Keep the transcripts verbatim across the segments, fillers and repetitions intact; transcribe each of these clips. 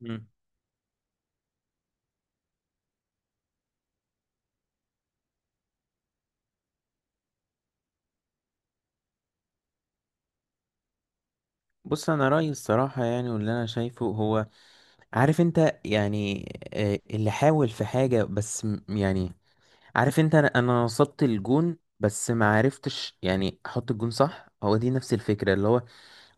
مم. بص انا رايي الصراحه، يعني واللي انا شايفه هو، عارف انت. يعني آه، اللي حاول في حاجه بس م- يعني، عارف انت، انا انا وصلت الجون بس ما عرفتش يعني احط الجون صح. هو دي نفس الفكره اللي هو،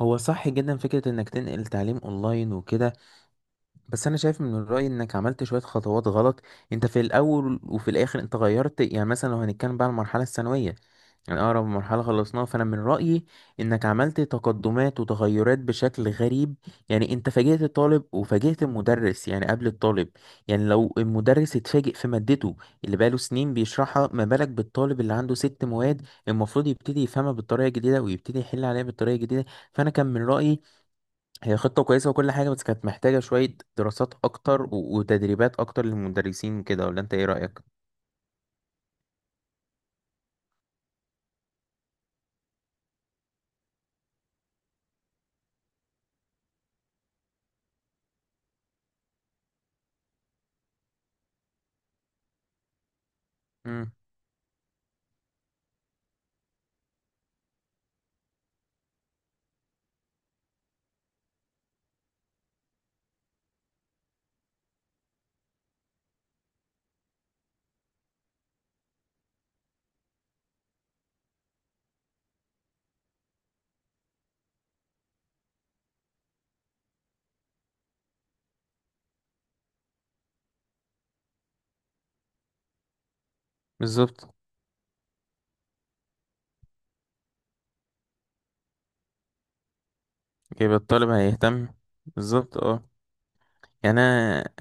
هو صح جدا فكره انك تنقل تعليم اونلاين وكده. بس انا شايف من الراي انك عملت شويه خطوات غلط. انت في الاول وفي الاخر انت غيرت، يعني مثلا لو هنتكلم بقى على المرحله الثانويه، يعني أقرب مرحلة خلصناها، فأنا من رأيي إنك عملت تقدمات وتغيرات بشكل غريب. يعني أنت فاجئت الطالب وفاجئت المدرس، يعني قبل الطالب، يعني لو المدرس اتفاجئ في مادته اللي بقاله سنين بيشرحها، ما بالك بالطالب اللي عنده ست مواد المفروض يبتدي يفهمها بالطريقة الجديدة ويبتدي يحل عليها بالطريقة الجديدة. فأنا كان من رأيي هي خطة كويسة وكل حاجة، بس كانت محتاجة شوية دراسات أكتر و- وتدريبات أكتر للمدرسين كده، ولا أنت إيه رأيك؟ مم. بالظبط. يبقى الطالب هيهتم. بالظبط، اه. يعني انا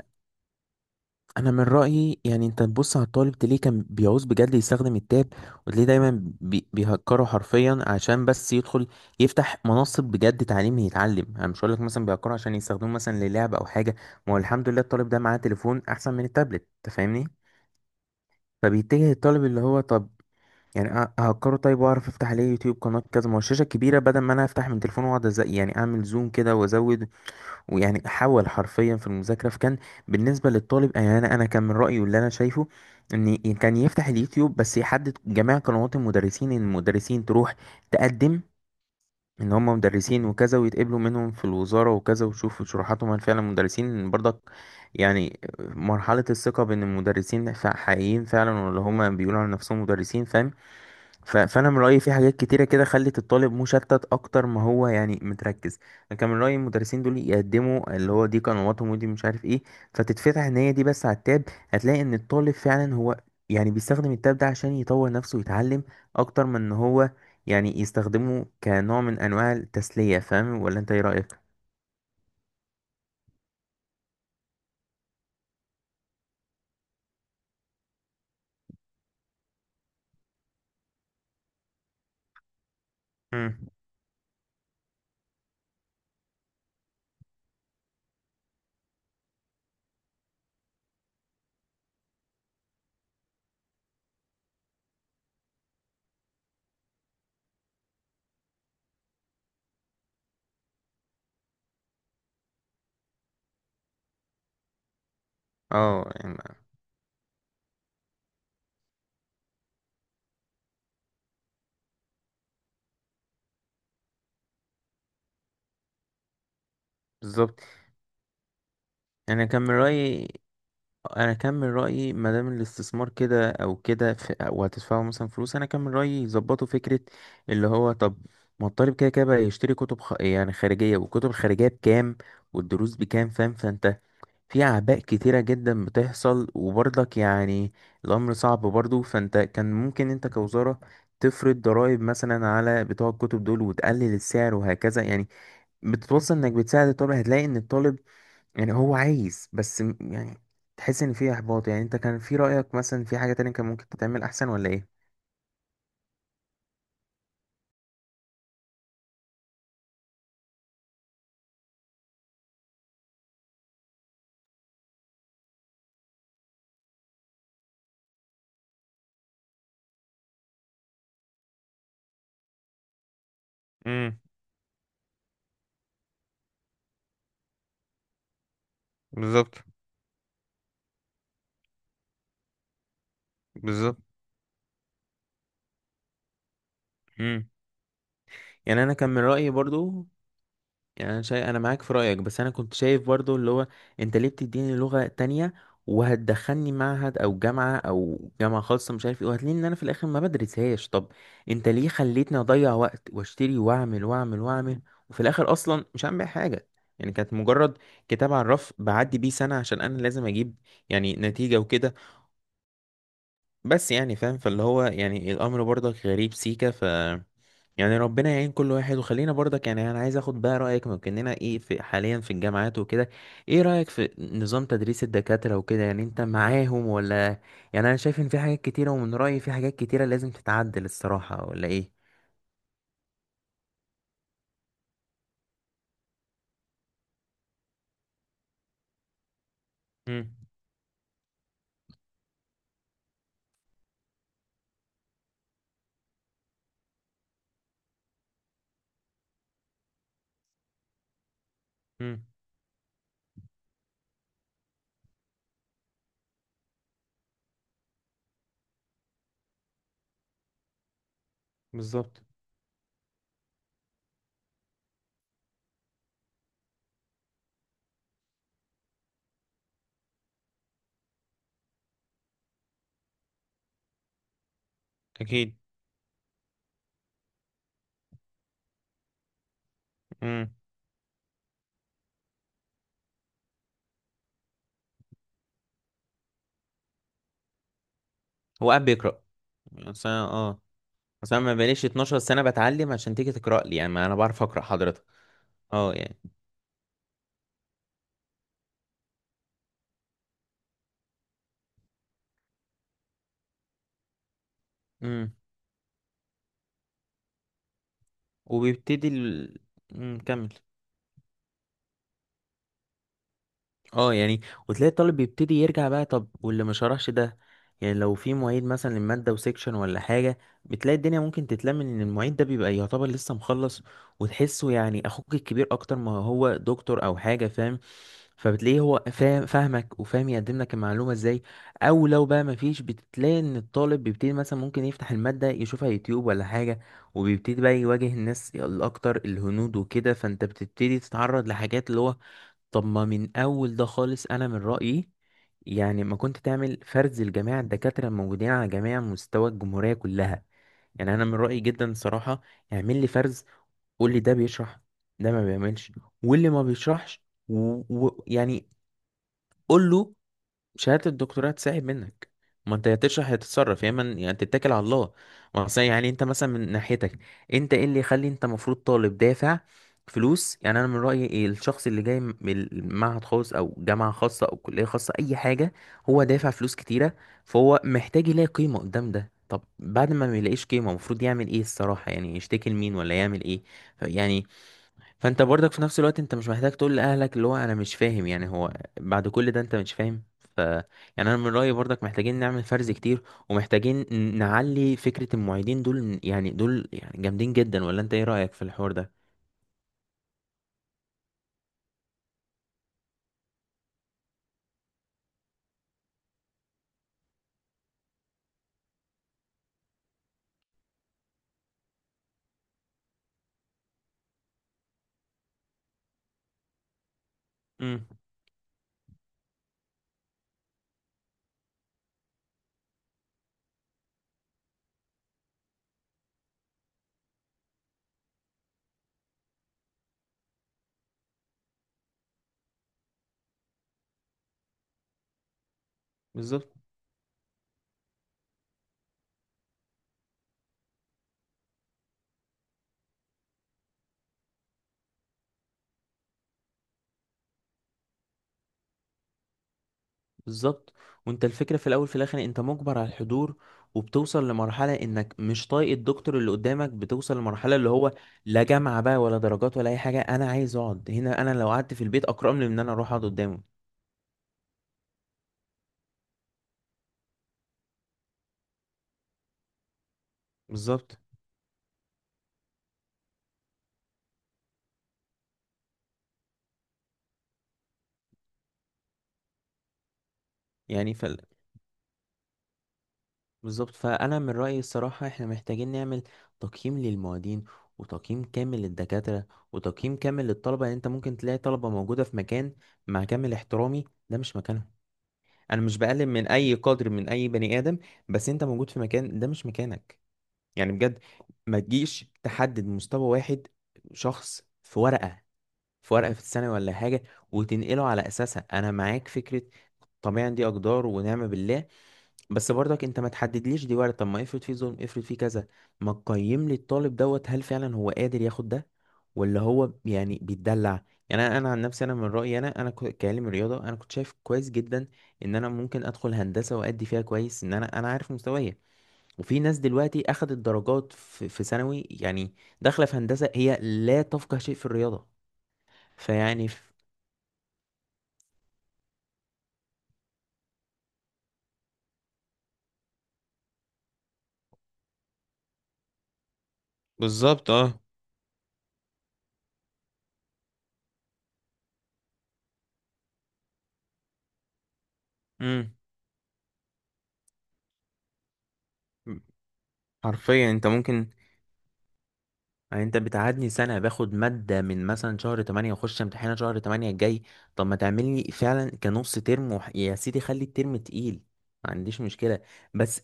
انا من رايي، يعني انت تبص على الطالب تلاقيه كان بيعوز بجد يستخدم التاب، وتلاقيه دايما بي- بيهكره حرفيا عشان بس يدخل يفتح منصه بجد تعليم يتعلم. انا مش هقول لك مثلا بيهكره عشان يستخدموه مثلا للعب او حاجه. ما هو الحمد لله الطالب ده معاه تليفون احسن من التابلت، أنت فاهمني. فبيتجه الطالب اللي هو، طب يعني أ- اهكره طيب واعرف افتح عليه يوتيوب قناه كذا، ما هو الشاشه كبيره بدل ما انا افتح من تليفون واقعد أز- يعني اعمل زوم كده وازود، ويعني حاول حرفيا في المذاكرة. فكان بالنسبة للطالب، يعني أنا أنا كان من رأيي واللي أنا شايفه إن كان يفتح اليوتيوب بس يحدد جميع قنوات المدرسين، إن المدرسين تروح تقدم إن هم مدرسين وكذا، ويتقبلوا منهم في الوزارة وكذا، ويشوفوا شروحاتهم هل فعلا مدرسين إن برضك، يعني مرحلة الثقة بين المدرسين ف- حقيقيين فعلا، ولا هم بيقولوا عن نفسهم مدرسين، فاهم. ف- فانا من رايي في حاجات كتيره كده خلت الطالب مشتت اكتر ما هو يعني متركز. انا كان من رايي المدرسين دول يقدموا اللي هو دي قنواتهم، ودي مش عارف ايه، فتتفتح ان هي دي بس على التاب. هتلاقي ان الطالب فعلا هو يعني بيستخدم التاب ده عشان يطور نفسه ويتعلم، اكتر من ان هو يعني يستخدمه كنوع من انواع التسليه، فاهم ولا انت ايه رايك؟ امم. اه، يعني، بالظبط. انا كان من رايي انا كان من رايي ما دام الاستثمار كده او كده، في- وهتدفعوا مثلا فلوس، انا كان من رايي يظبطوا فكره اللي هو، طب ما الطالب كده كده بقى يشتري كتب خ... يعني خارجيه، والكتب الخارجيه بكام والدروس بكام، فاهم. فانت في اعباء كتيره جدا بتحصل، وبرضك يعني الامر صعب برضه. فانت كان ممكن انت كوزاره تفرض ضرائب مثلا على بتوع الكتب دول وتقلل السعر وهكذا، يعني بتتوصل انك بتساعد الطالب. هتلاقي ان الطالب يعني هو عايز، بس م- يعني تحس ان في احباط. يعني انت كان في رأيك مثلا في حاجة تانية كان ممكن تتعمل احسن، ولا ايه؟ امم. بالظبط. بالظبط. امم. يعني انا كان من رأيي برضو، يعني انا شايف، انا معاك في رايك، بس انا كنت شايف برضو اللي هو، انت ليه بتديني لغه تانية وهتدخلني معهد او جامعه، او جامعه خاصه مش عارف ايه، وهتلاقيني ان انا في الاخر ما بدرسهاش. طب انت ليه خليتني اضيع وقت واشتري واعمل واعمل واعمل، وفي الاخر اصلا مش هعمل بيها حاجه. يعني كانت مجرد كتاب على الرف بعدي بيه سنه عشان انا لازم اجيب يعني نتيجه وكده. بس يعني فاهم، فاللي هو يعني الامر برضك غريب سيكا، ف يعني ربنا يعين كل واحد. وخلينا برضك، يعني انا عايز اخد بقى رايك، ممكننا ايه في حاليا في الجامعات وكده، ايه رايك في نظام تدريس الدكاتره وكده؟ يعني انت معاهم ولا؟ يعني انا شايف ان في حاجات كتيره، ومن رايي في حاجات كتيره لازم تتعدل الصراحه، ولا ايه؟ امم. امم. بالظبط. اكيد. امم. هو قاعد بيقرا. بس أنا- اه. بس انا ما بقاليش اثنا عشر سنه بتعلم عشان تيجي تقرا لي، يعني ما انا بعرف اقرا حضرتك. اه، يعني، امم. وبيبتدي ال... مم، كمل. اه، يعني، وتلاقي الطالب بيبتدي يرجع بقى، طب واللي ما شرحش ده، يعني لو في معيد مثلا للمادة وسيكشن ولا حاجة، بتلاقي الدنيا ممكن تتلم ان المعيد ده بيبقى يعتبر لسه مخلص، وتحسه يعني اخوك الكبير اكتر ما هو دكتور او حاجة، فاهم. فبتلاقيه هو فاهم فاهمك، وفاهم يقدم لك المعلومة ازاي. او لو بقى مفيش، بتلاقي ان الطالب بيبتدي مثلا ممكن يفتح المادة يشوفها يوتيوب ولا حاجة، وبيبتدي بقى يواجه الناس الاكتر الهنود وكده، فانت بتبتدي تتعرض لحاجات اللي هو، طب ما من اول ده خالص، انا من رأيي يعني ما كنت تعمل فرز لجميع الدكاترة الموجودين على جميع مستوى الجمهورية كلها. يعني انا من رأيي جدا صراحة، اعمل لي فرز، قول لي ده بيشرح، ده ما بيعملش، واللي ما بيشرحش، ويعني و... و- يعني قول له شهادة الدكتوراه تساعد منك، ما انت يا تشرح يا تتصرف يا اما يعني تتكل على الله. ما أصل يعني انت مثلا من ناحيتك، انت ايه اللي يخلي انت المفروض طالب دافع فلوس، يعني انا من رأيي، إيه الشخص اللي جاي من معهد خاص او جامعة خاصة او كلية خاصة، اي حاجة، هو دافع فلوس كتيرة، فهو محتاج يلاقي قيمة قدام ده. طب بعد ما ما يلاقيش قيمة، المفروض يعمل ايه الصراحة؟ يعني يشتكي لمين ولا يعمل ايه؟ يعني فانت برضك في نفس الوقت انت مش محتاج تقول لاهلك اللي هو انا مش فاهم، يعني هو بعد كل ده انت مش فاهم. ف يعني انا من رايي برضك محتاجين نعمل فرز كتير، ومحتاجين ن- نعلي فكره المعيدين دول، من- يعني دول يعني جامدين جدا، ولا انت ايه رايك في الحوار ده؟ امم. بالظبط. بالظبط. وانت الفكره في الاول في الاخر انت مجبر على الحضور، وبتوصل لمرحله انك مش طايق الدكتور اللي قدامك، بتوصل لمرحله اللي هو لا جامعه بقى ولا درجات ولا اي حاجه، انا عايز اقعد هنا، انا لو قعدت في البيت اكرم لي من ان انا اروح اقعد قدامه. بالظبط. يعني ف... بالظبط، فأنا من رأيي الصراحة احنا محتاجين نعمل تقييم للمعيدين، وتقييم كامل للدكاترة، وتقييم كامل للطلبة. يعني انت ممكن تلاقي طلبة موجودة في مكان، مع كامل احترامي، ده مش مكانهم. انا مش بقلل من اي قدر من اي بني آدم، بس انت موجود في مكان ده مش مكانك، يعني بجد. ما تجيش تحدد مستوى واحد شخص في ورقة، في ورقة في الثانوي ولا حاجة، وتنقله على أساسها. أنا معاك فكرة طبيعي، دي أقدار ونعم بالله. بس برضك انت ما تحددليش، دي وارد، طب ما افرض فيه ظلم، افرض فيه كذا. ما تقيم لي الطالب دوت هل فعلا هو قادر ياخد ده، ولا هو يعني بيتدلع؟ يعني انا انا عن نفسي، انا من رايي انا انا كو- كعلم رياضه انا كنت شايف كويس جدا ان انا ممكن ادخل هندسه وادي فيها كويس، ان انا انا عارف مستوايا. وفي ناس دلوقتي اخدت درجات في في ثانوي، يعني داخله في هندسه، هي لا تفقه شيء في الرياضه. فيعني ف... بالظبط، اه. امم. حرفيا انت ممكن، يعني انت بتقعدني سنة باخد مادة من مثلا شهر تمانية واخش امتحانها شهر تمانية الجاي، طب ما تعمل لي فعلا كنص ترم وح... يا سيدي خلي الترم تقيل، ما عنديش مشكلة. بس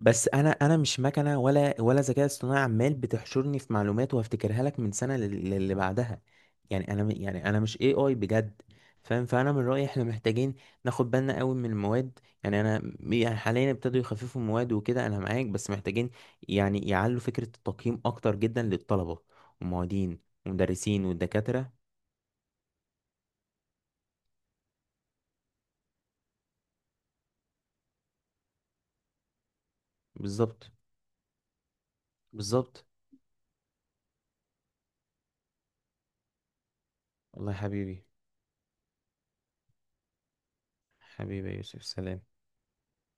بس انا انا مش مكنه ولا ولا ذكاء اصطناعي عمال بتحشرني في معلومات وهفتكرها لك من سنه لل- للي بعدها، يعني انا م- يعني انا مش اي اي بجد، فاهم. فانا من رايي احنا محتاجين ناخد بالنا قوي من المواد. يعني انا م- يعني حاليا ابتدوا يخففوا المواد وكده، انا معاك، بس محتاجين يعني يعلوا فكره التقييم اكتر جدا للطلبه، والمعيدين، والمدرسين، والدكاتره. بالظبط. بالظبط. والله يا حبيبي. حبيبي يا يوسف، سلام.